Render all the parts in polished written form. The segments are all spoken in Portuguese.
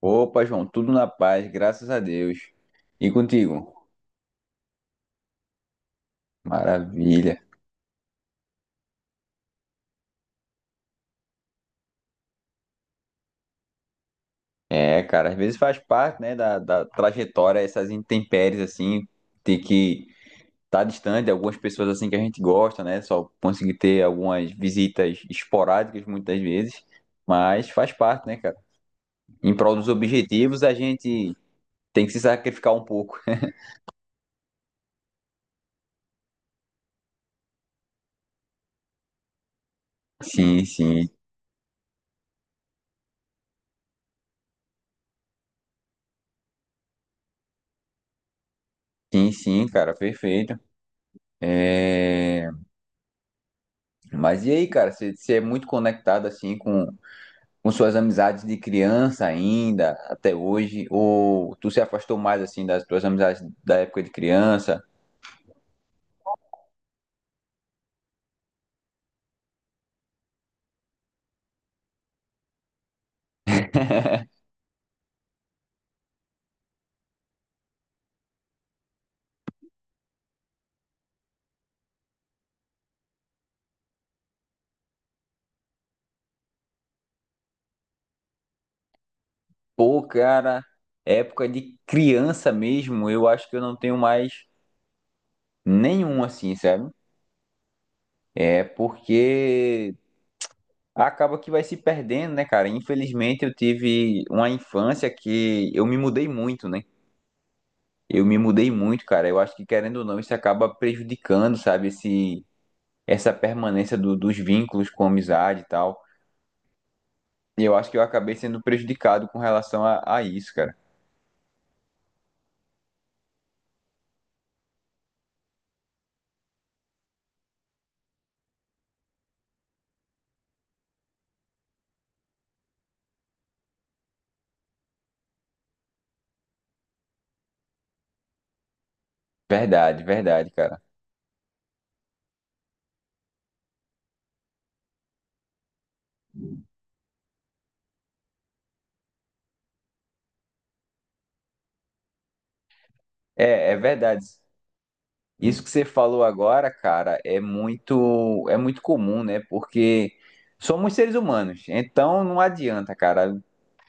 Opa, João, tudo na paz, graças a Deus. E contigo? Maravilha. É, cara, às vezes faz parte, né, da trajetória, essas intempéries, assim, ter que estar distante de algumas pessoas, assim, que a gente gosta, né? Só conseguir ter algumas visitas esporádicas, muitas vezes, mas faz parte, né, cara? Em prol dos objetivos, a gente tem que se sacrificar um pouco. Sim, sim. Sim, sim, cara, perfeito. É... Mas e aí, cara, você é muito conectado, assim, com suas amizades de criança ainda, até hoje? Ou tu se afastou mais assim das tuas amizades da época de criança? Pô, cara, época de criança mesmo, eu acho que eu não tenho mais nenhum assim, sabe? É porque acaba que vai se perdendo, né, cara? Infelizmente eu tive uma infância que eu me mudei muito, né? Eu me mudei muito, cara. Eu acho que querendo ou não, isso acaba prejudicando, sabe, esse essa permanência dos vínculos com a amizade e tal. E eu acho que eu acabei sendo prejudicado com relação a isso, cara. Verdade, verdade, cara. É, é verdade. Isso que você falou agora, cara, é muito comum, né? Porque somos seres humanos, então não adianta, cara.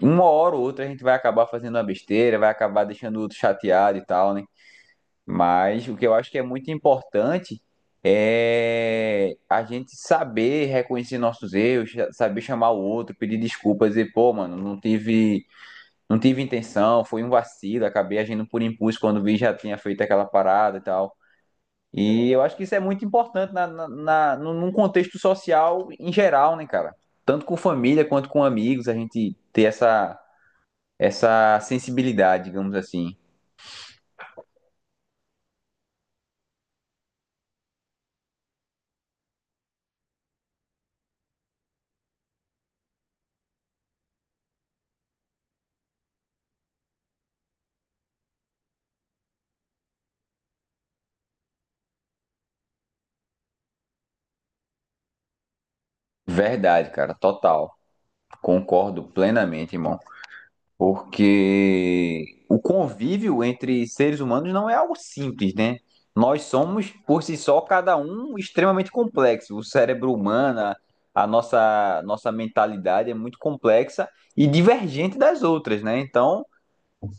Uma hora ou outra a gente vai acabar fazendo uma besteira, vai acabar deixando o outro chateado e tal, né? Mas o que eu acho que é muito importante é a gente saber reconhecer nossos erros, saber chamar o outro, pedir desculpas, dizer, pô, mano, Não tive intenção, foi um vacilo, acabei agindo por impulso quando vi já tinha feito aquela parada e tal. E eu acho que isso é muito importante num num contexto social em geral, né, cara? Tanto com família quanto com amigos, a gente ter essa sensibilidade, digamos assim. Verdade, cara, total. Concordo plenamente, irmão. Porque o convívio entre seres humanos não é algo simples, né? Nós somos, por si só, cada um extremamente complexo. O cérebro humano, a nossa mentalidade é muito complexa e divergente das outras, né? Então,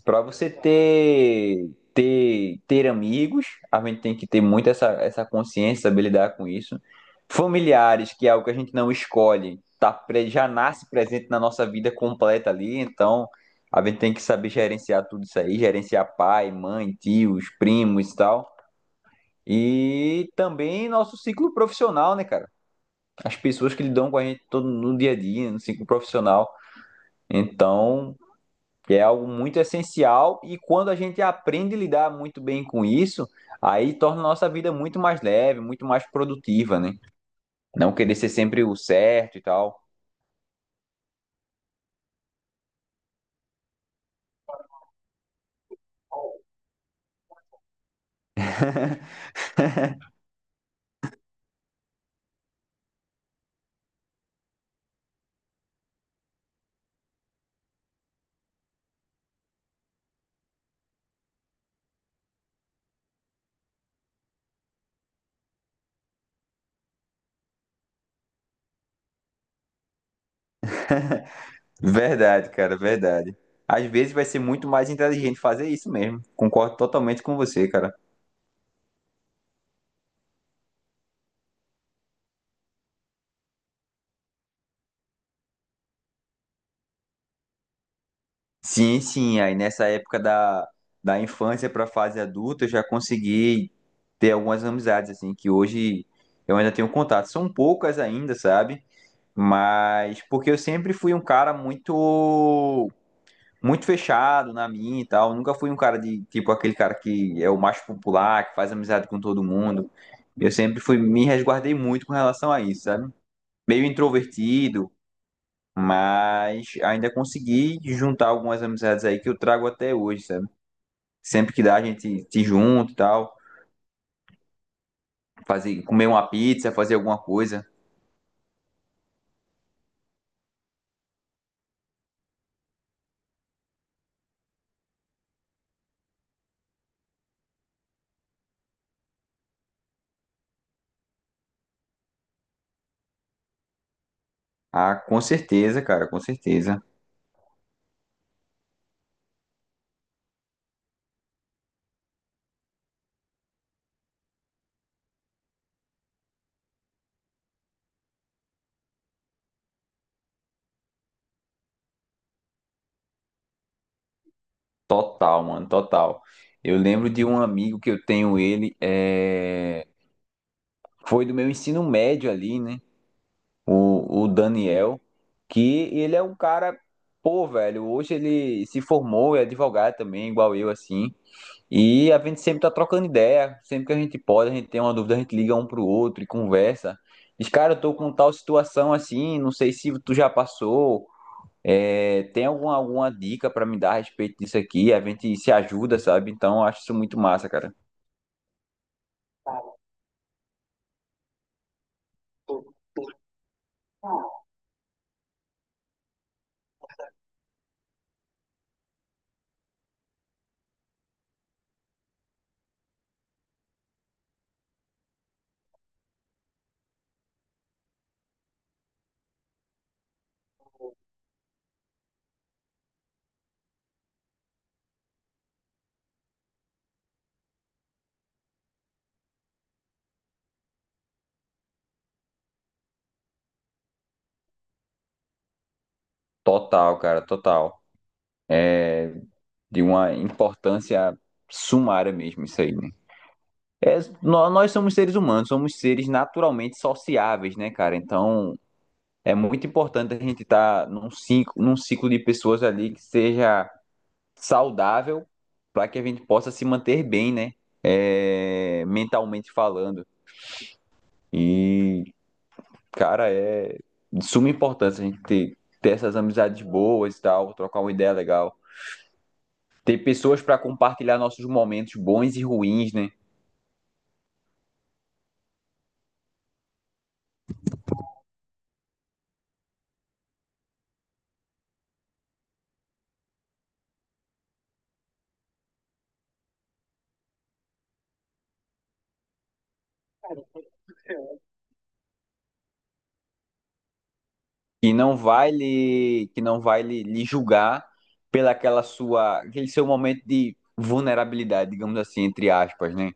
para você ter amigos, a gente tem que ter muito essa consciência, saber lidar com isso. Familiares, que é algo que a gente não escolhe, tá, já nasce presente na nossa vida completa ali, então a gente tem que saber gerenciar tudo isso aí, gerenciar pai, mãe, tios, primos e tal. E também nosso ciclo profissional, né, cara? As pessoas que lidam com a gente todo no dia a dia, no ciclo profissional. Então, que é algo muito essencial e quando a gente aprende a lidar muito bem com isso, aí torna a nossa vida muito mais leve, muito mais produtiva, né? Não querer ser sempre o certo e tal. Verdade, cara, verdade. Às vezes vai ser muito mais inteligente fazer isso mesmo. Concordo totalmente com você, cara. Sim, sim, aí nessa época da infância para a fase adulta, eu já consegui ter algumas amizades assim que hoje eu ainda tenho contato. São poucas ainda, sabe? Mas porque eu sempre fui um cara muito fechado na minha e tal, nunca fui um cara de tipo aquele cara que é o mais popular, que faz amizade com todo mundo. Eu sempre fui me resguardei muito com relação a isso, sabe? Meio introvertido, mas ainda consegui juntar algumas amizades aí que eu trago até hoje, sabe? Sempre que dá a gente se junta e tal, fazer comer uma pizza, fazer alguma coisa. Ah, com certeza, cara, com certeza. Total, mano, total. Eu lembro de um amigo que eu tenho, foi do meu ensino médio ali, né? O Daniel, que ele é um cara, pô, velho, hoje ele se formou, é advogado também, igual eu, assim. E a gente sempre tá trocando ideia, sempre que a gente pode, a gente tem uma dúvida, a gente liga um pro outro e conversa. Diz, cara, eu tô com tal situação assim, não sei se tu já passou, é, tem alguma, alguma dica pra me dar a respeito disso aqui? A gente se ajuda, sabe? Então, eu acho isso muito massa, cara. Total, cara, total. De uma importância sumária mesmo, isso aí, né? É, nós somos seres humanos, somos seres naturalmente sociáveis, né, cara? Então, é muito importante a gente estar num ciclo de pessoas ali que seja saudável para que a gente possa se manter bem, né? É, mentalmente falando. E, cara, é de suma importância a gente ter essas amizades boas e tal, trocar uma ideia legal. Ter pessoas para compartilhar nossos momentos bons e ruins, né? Que não vai lhe julgar pela aquela sua, aquele seu momento de vulnerabilidade, digamos assim, entre aspas, né?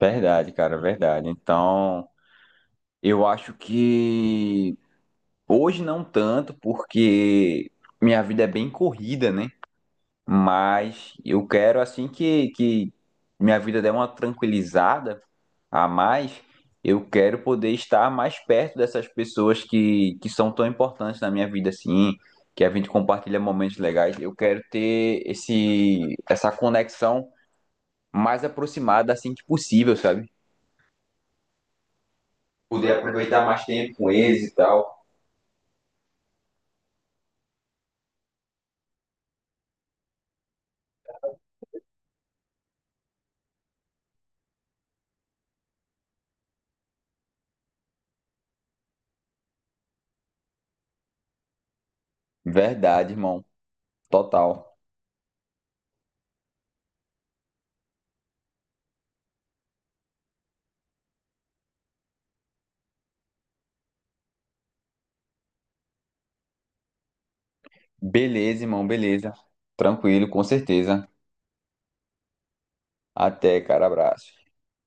Verdade, cara, verdade. Então, eu acho que hoje não tanto, porque minha vida é bem corrida, né? Mas eu quero, assim que minha vida der uma tranquilizada a mais, eu quero poder estar mais perto dessas pessoas que são tão importantes na minha vida, assim, que a gente compartilha momentos legais. Eu quero ter essa conexão mais aproximada assim que possível, sabe? Poder aproveitar mais tempo com eles e tal. Verdade, irmão. Total. Beleza, irmão, beleza. Tranquilo, com certeza. Até, cara, abraço.